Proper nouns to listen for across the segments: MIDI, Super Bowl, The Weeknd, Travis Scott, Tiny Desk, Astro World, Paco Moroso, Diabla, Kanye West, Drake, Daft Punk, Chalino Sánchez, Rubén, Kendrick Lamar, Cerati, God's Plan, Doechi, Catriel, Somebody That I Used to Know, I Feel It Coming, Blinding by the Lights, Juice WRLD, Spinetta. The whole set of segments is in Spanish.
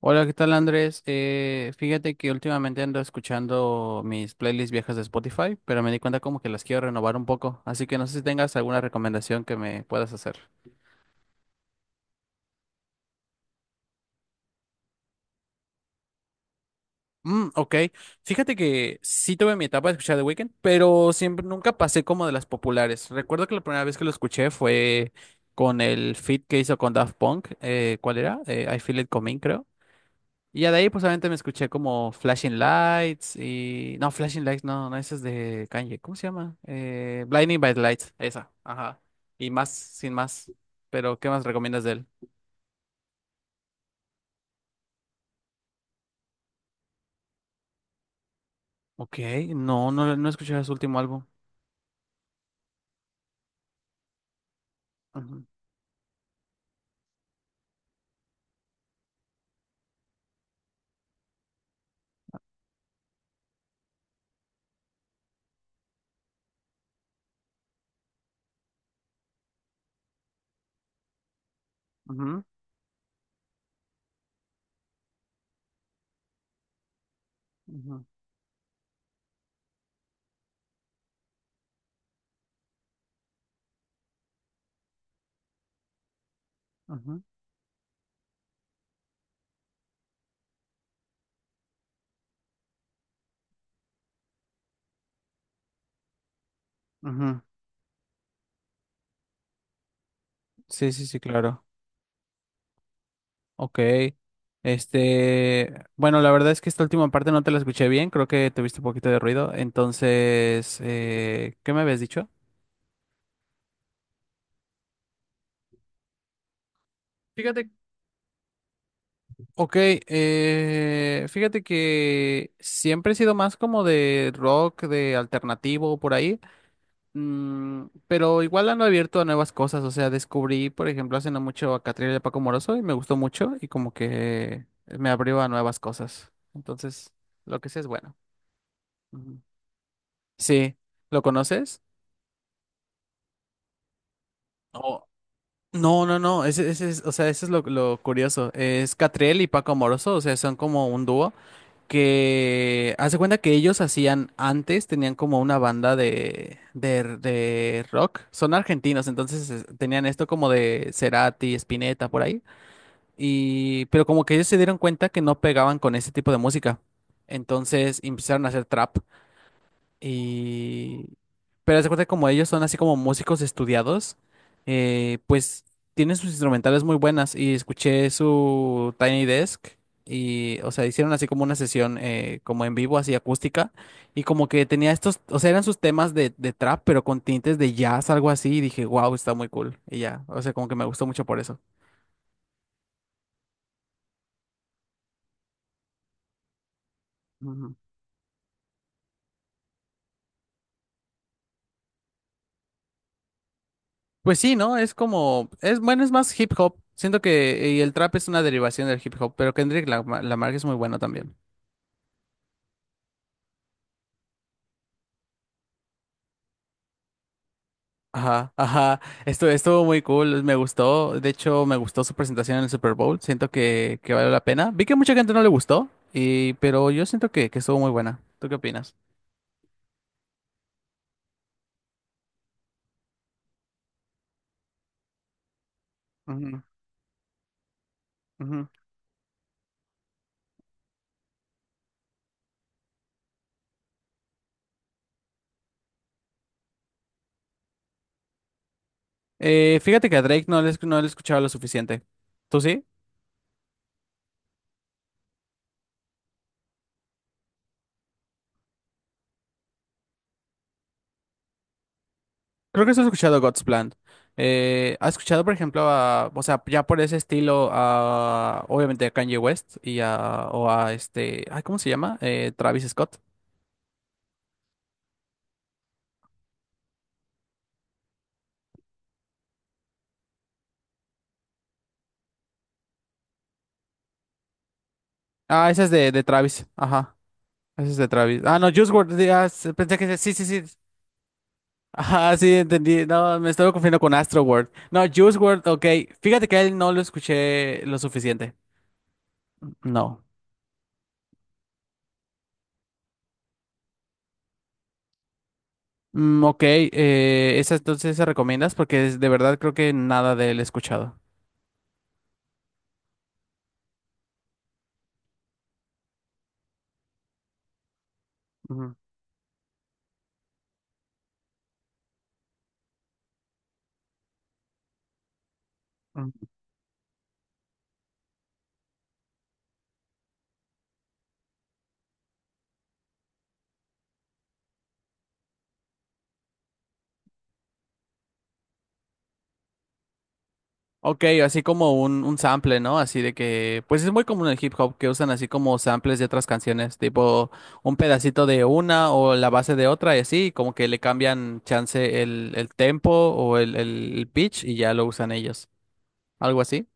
Hola, ¿qué tal, Andrés? Fíjate que últimamente ando escuchando mis playlists viejas de Spotify, pero me di cuenta como que las quiero renovar un poco, así que no sé si tengas alguna recomendación que me puedas hacer. Mm, ok, fíjate que sí tuve mi etapa de escuchar The Weeknd, pero siempre nunca pasé como de las populares. Recuerdo que la primera vez que lo escuché fue con el feat que hizo con Daft Punk, ¿cuál era? I Feel It Coming, creo. Y ya de ahí, pues solamente me escuché como Flashing Lights. No, Flashing Lights, no, no, esa es de Kanye. ¿Cómo se llama? Blinding by the Lights, esa, ajá. Y más, sin más. Pero, ¿qué más recomiendas de él? Ok, no, no, no he escuchado su último álbum. Ujú, ujú, ujú, ujú, ujú. Sí, sí, sí, claro. Ok. Bueno, la verdad es que esta última parte no te la escuché bien, creo que tuviste un poquito de ruido. Entonces, ¿qué me habías dicho? Fíjate, ok, fíjate que siempre he sido más como de rock, de alternativo por ahí, mm, pero igual ando abierto a nuevas cosas, o sea, descubrí, por ejemplo, hace no mucho a Catriel y a Paco Moroso y me gustó mucho y como que me abrió a nuevas cosas, entonces lo que sé es bueno. Ujú. Sí, ¿lo conoces? Oh, no, no, no, ese es, o sea, ese es lo curioso, es Catriel y Paco Moroso, o sea, son como un dúo. Que hace cuenta que ellos hacían antes, tenían como una banda de rock, son argentinos, entonces es- tenían esto como de Cerati, Spinetta, por ahí, y, pero como que ellos se dieron cuenta que no pegaban con ese tipo de música, entonces empezaron a hacer trap. Y... Pero haz de cuenta que como ellos son así como músicos estudiados, pues tienen sus instrumentales muy buenas y escuché su Tiny Desk y, o sea, hicieron así como una sesión como en vivo, así acústica y como que tenía estos, o sea, eran sus temas de trap, pero con tintes de jazz, algo así y dije, wow, está muy cool y ya, o sea, como que me gustó mucho por eso. Ujú. Pues sí, ¿no? Es como, es bueno, es más hip hop. Siento que y el trap es una derivación del hip hop, pero Kendrick Lamar es muy bueno también. Ajá, ajá. Esto estuvo muy cool, me gustó. De hecho, me gustó su presentación en el Super Bowl. Siento que valió la pena. Vi que mucha gente no le gustó, y, pero yo siento que estuvo muy buena. ¿Tú qué opinas? Ujú, ujú. Fíjate que a Drake no le, esc- no le escuchaba lo suficiente. ¿Tú sí? Creo que sí has escuchado God's Plan. ¿Has escuchado, por ejemplo, a, o sea, ya por ese estilo, a, obviamente a Kanye West y a, o a este, ay, ¿cómo se llama? Travis Scott. Ah, esa es de Travis. Ajá. Esa es de Travis. Ah, no, Juice WRLD. Ah, s- pensé que sí, sí, sí. Ajá, sí, entendí. No, me estaba confundiendo con Astro World. No, Juice World, ok. Fíjate que a él no lo escuché lo suficiente. No. Mm, ok, esa entonces se recomiendas porque es- de verdad creo que nada de él he escuchado. Ujú, ok, así como un sample, ¿no? Así de que, pues es muy común en el hip hop que usan así como samples de otras canciones, tipo un pedacito de una o la base de otra y así, como que le cambian chance el tempo o el pitch y ya lo usan ellos. ¿Algo así?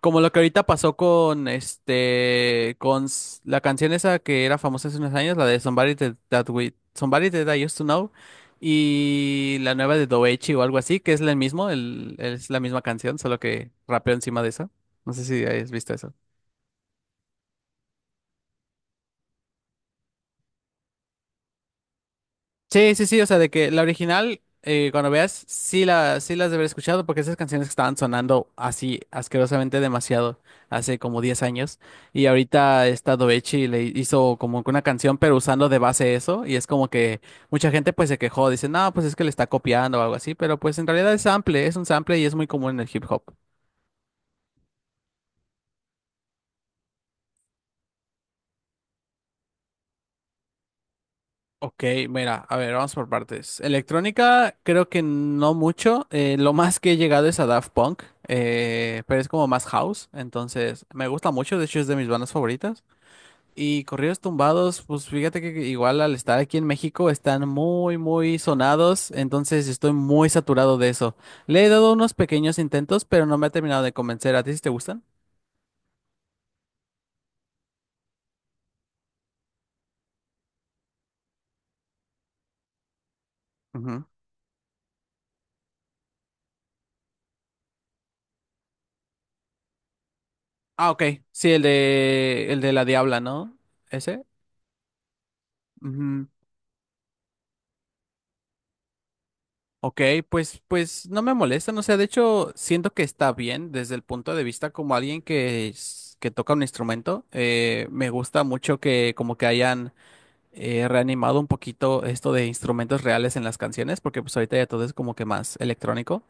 Como lo que ahorita pasó con este, con s- la canción esa que era famosa hace unos años, la de Somebody Somebody That I Used to Know, y la nueva de Doechi o algo así, que es el mismo, el, es la misma canción, solo que rapeó encima de eso. No sé si has visto eso. Sí, sí, sí, o sea, de que la original, cuando veas, sí, la, sí las de haber escuchado porque esas canciones estaban sonando así asquerosamente demasiado hace como 10 años y ahorita esta Doechi le hizo como que una canción pero usando de base eso y es como que mucha gente pues se quejó, dice, no, pues es que le está copiando o algo así, pero pues en realidad es sample, es un sample y es muy común en el hip hop. Ok, mira, a ver, vamos por partes. Electrónica, creo que no mucho. Lo más que he llegado es a Daft Punk, pero es como más house, entonces me gusta mucho, de hecho es de mis bandas favoritas. Y corridos tumbados, pues fíjate que igual al estar aquí en México están muy, muy sonados, entonces estoy muy saturado de eso. Le he dado unos pequeños intentos, pero no me ha terminado de convencer. ¿A ti sí te gustan? Ujú. Ah, ok. Sí, el de la Diabla, ¿no? ¿Ese? Ujú. Ok, pues, pues no me molesta, no sé, de hecho siento que está bien desde el punto de vista como alguien que, es- que toca un instrumento. Me gusta mucho que como que hayan reanimado un poquito esto de instrumentos reales en las canciones, porque pues ahorita ya todo es como que más electrónico,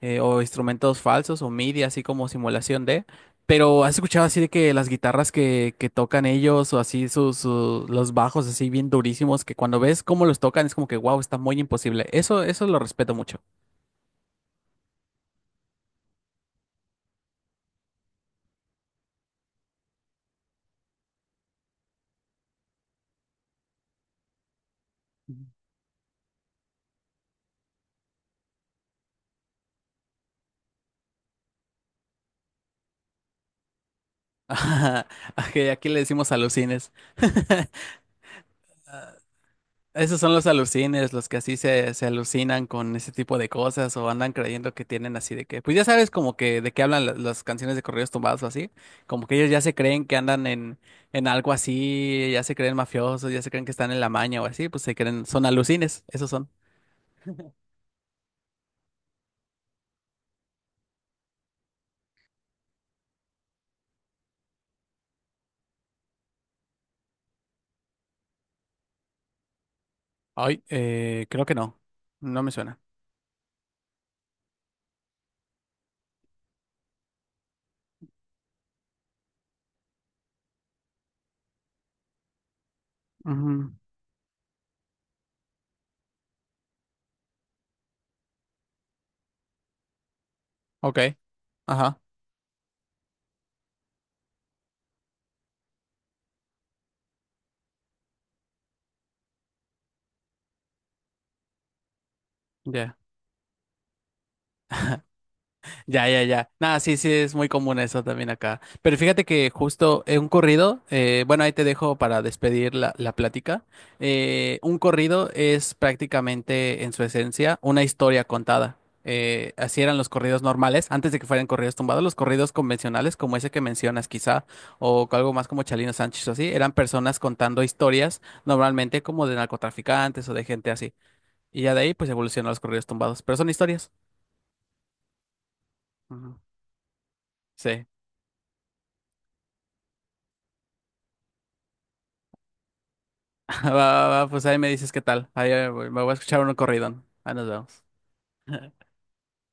o instrumentos falsos o MIDI, así como simulación de, pero has escuchado así de que las guitarras que tocan ellos o así sus, su- los bajos así bien durísimos, que cuando ves cómo los tocan es como que wow, está muy imposible. Eso lo respeto mucho. Ujú. Ok, aquí le decimos alucines. Esos son los alucines, los que así se, se alucinan con ese tipo de cosas o andan creyendo que tienen así de que, pues ya sabes como que de qué hablan la- las canciones de corridos tumbados o así, como que ellos ya se creen que andan en algo así, ya se creen mafiosos, ya se creen que están en la maña o así, pues se creen, son alucines, esos son. Ay, creo que no, no me suena. Ujú, ok, ajá, ya. Ya, ya, ya. Nada, sí, sí, es muy común eso también acá. Pero fíjate que justo un corrido, bueno, ahí te dejo para despedir la plática. Un corrido es prácticamente en su esencia una historia contada. Así eran los corridos normales, antes de que fueran corridos tumbados, los corridos convencionales, como ese que mencionas quizá, o algo más como Chalino Sánchez o así, eran personas contando historias, normalmente como de narcotraficantes o de gente así. Y ya de ahí pues evolucionaron los corridos tumbados, pero son historias. Ujú. Sí. Va, va, va, pues ahí me dices qué tal. Ahí me voy a escuchar un corrido. Ahí nos vemos.